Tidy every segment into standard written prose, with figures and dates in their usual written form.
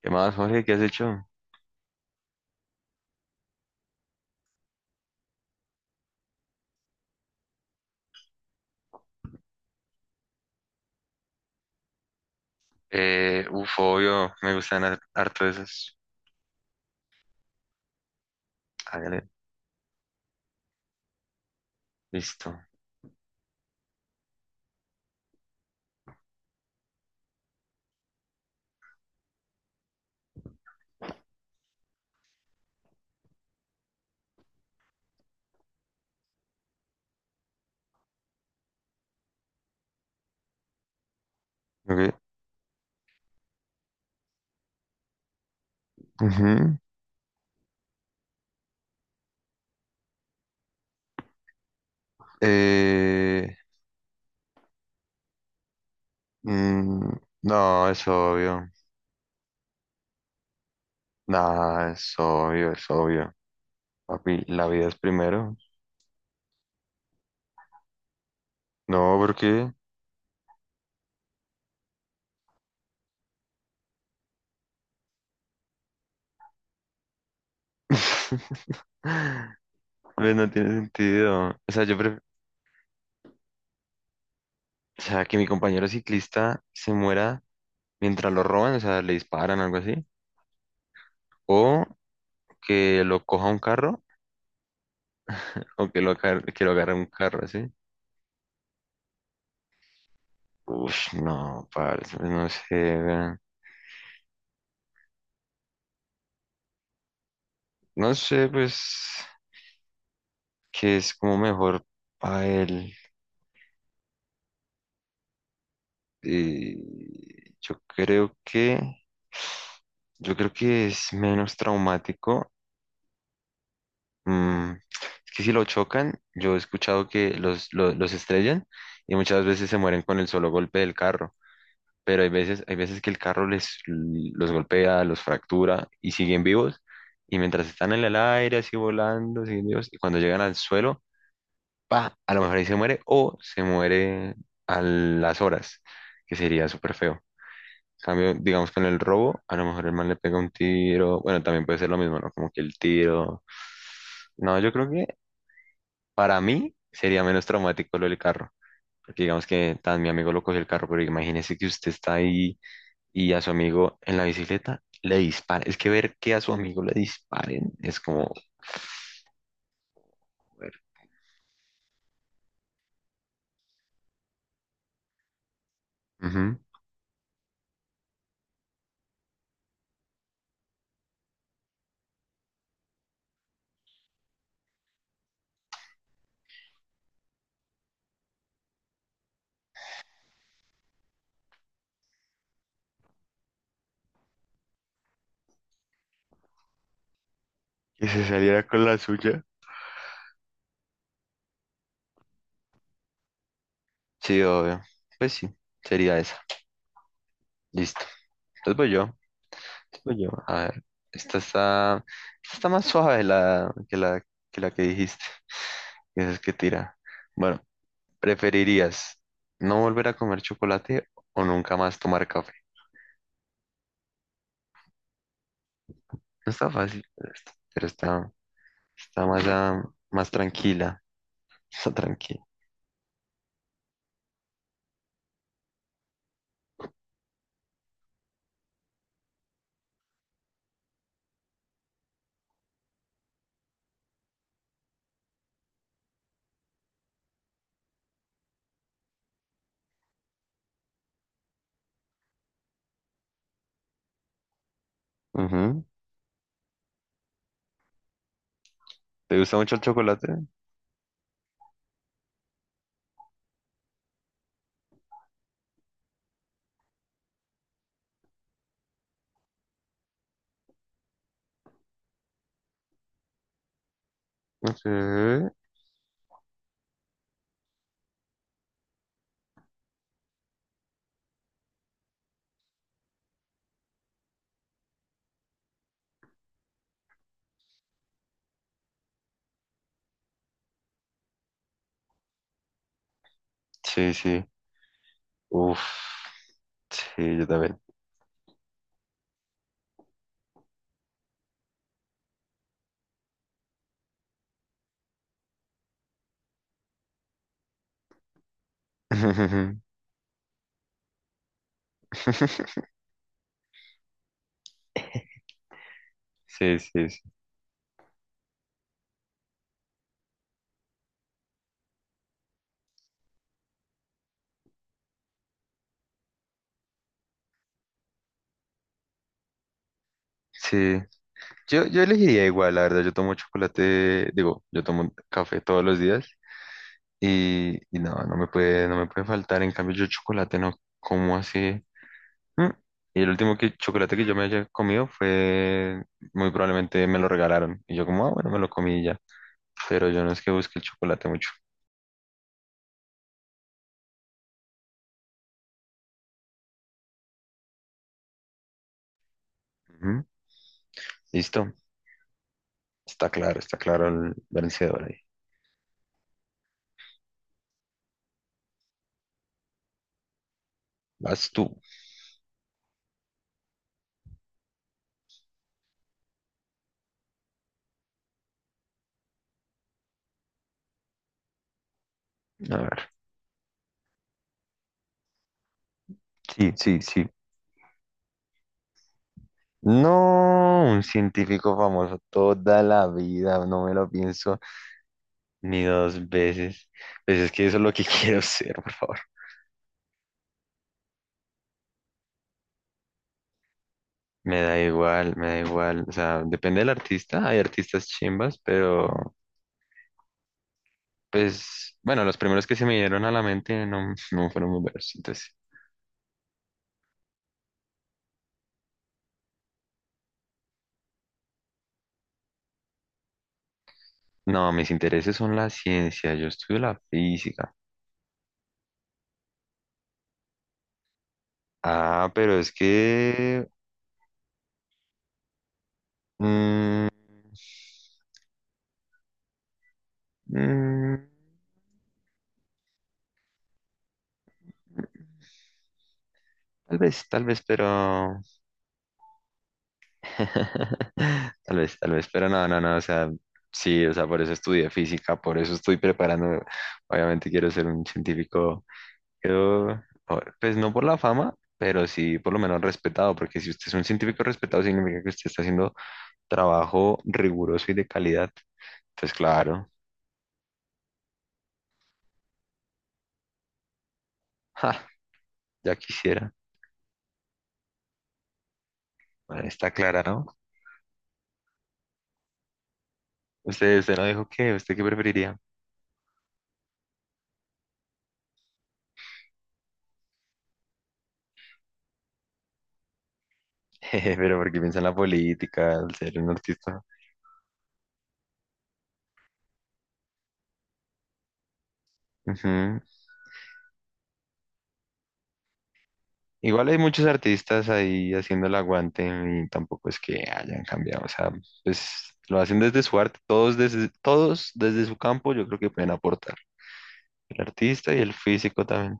¿Qué más, Jorge? ¿Qué has hecho? Obvio, me gustan harto esas. Hágale, listo. Ok. Ujú. Eh, mm, no, es obvio. Nah, es obvio, es obvio. Papi, la vida es primero. No, ¿por qué? Pues no tiene sentido. O sea, que mi compañero ciclista se muera mientras lo roban, o sea, le disparan o algo así. O que lo coja un carro. O que que lo agarre un carro así. Uf, no, parce, pues no sé, weón. No sé, pues, que es como mejor para él. Y yo creo que, yo creo que es menos traumático. Mm, es que si lo chocan, yo he escuchado que los estrellan y muchas veces se mueren con el solo golpe del carro. Pero hay veces que el carro los golpea, los fractura y siguen vivos. Y mientras están en el aire, así volando, siguen vivos, y cuando llegan al suelo, pa, a lo mejor ahí se muere o se muere a las horas, que sería súper feo. Cambio, digamos con el robo, a lo mejor el man le pega un tiro, bueno, también puede ser lo mismo, ¿no? Como que el tiro. No, yo creo que para mí sería menos traumático lo del carro. Porque digamos que tan mi amigo lo cogió el carro, pero imagínese que usted está ahí y a su amigo en la bicicleta le dispara. Es que ver que a su amigo le disparen es como... joder. Ujú. Y se saliera con la suya. Sí, obvio. Pues sí, sería esa. Listo. Entonces voy yo. Voy yo. A ver, esta está, esta está más suave que la que dijiste. Esa es que tira. Bueno, ¿preferirías no volver a comer chocolate o nunca más tomar café? No está fácil, está más, ah, más tranquila. Está tranquila. Ujú. ¿Te gusta mucho el chocolate? Sí. Sí, sí. Uf. Sí, yo también. Sí, sí, sí. Sí. Yo elegiría igual, la verdad. Yo tomo chocolate, digo, yo tomo café todos los días y, no me puede, no me puede faltar. En cambio, yo chocolate no como así. Mm. Y el último chocolate que yo me haya comido fue, muy probablemente me lo regalaron. Y yo como, ah, bueno, me lo comí y ya. Pero yo no es que busque el chocolate mucho. Ujú. Listo. Está claro el vencedor ahí. Vas tú. A ver. Sí, sí, sí. No, un científico famoso toda la vida, no me lo pienso ni dos veces. Pues es que eso es lo que quiero ser, por favor. Me da igual, me da igual. O sea, depende del artista. Hay artistas chimbas, pero pues, bueno, los primeros que se me dieron a la mente no fueron muy buenos. Entonces, no, mis intereses son la ciencia. Yo estudio la física. Ah, pero es que mm, mm, tal vez, pero... tal vez, pero no, no, no, o sea, sí, o sea, por eso estudié física, por eso estoy preparando, obviamente quiero ser un científico, quiero, pues no por la fama, pero sí por lo menos respetado, porque si usted es un científico respetado, significa que usted está haciendo trabajo riguroso y de calidad, entonces claro, ja, ya quisiera, bueno, está clara, ¿no? Usted, usted no dijo qué, ¿usted qué preferiría? Pero porque piensa en la política, al ser un artista. Ujú. Igual hay muchos artistas ahí haciendo el aguante y tampoco es que hayan cambiado. O sea, pues lo hacen desde su arte, todos desde su campo, yo creo que pueden aportar. El artista y el físico también.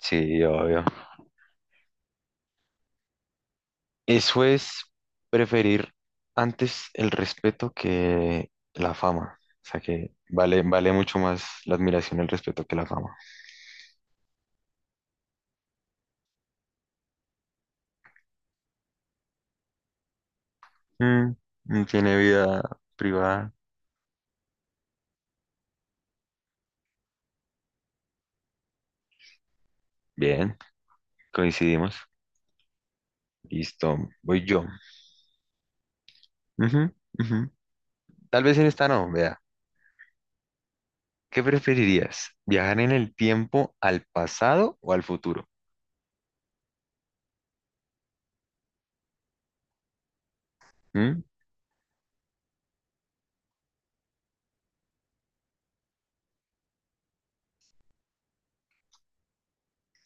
Sí, obvio. Eso es preferir antes el respeto que la fama. O sea que vale, vale mucho más la admiración y el respeto que la fama. Mm, mm, tiene vida privada. Bien. Coincidimos. Listo, voy yo. Ujú, ujú. Tal vez en esta no, vea. ¿Qué preferirías? ¿Viajar en el tiempo al pasado o al futuro? ¿Mm?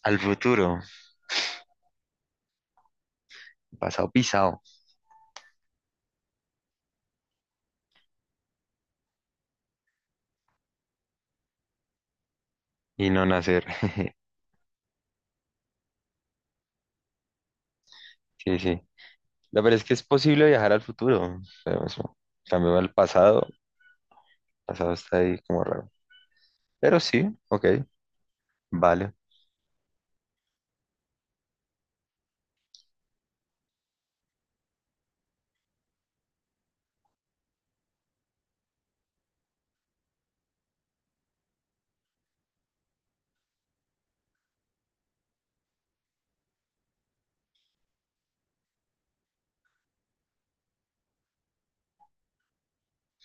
Al futuro, pasado pisado y no nacer. Sí, sí. La verdad es que es posible viajar al futuro, pero eso, cambio al pasado, pasado está ahí como raro. Pero sí, ok, vale.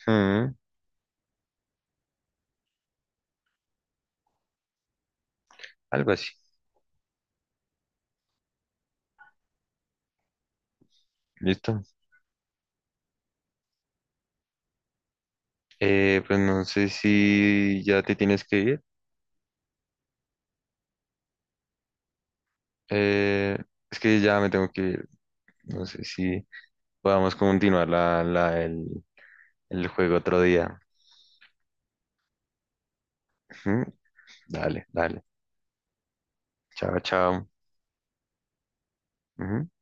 Mm, algo así. Listo. Pues no sé si ya te tienes que ir. Eh, es que ya me tengo que ir. No sé si podamos continuar el juego otro día. Ujú. Dale, dale. Chao, chao. Ujú.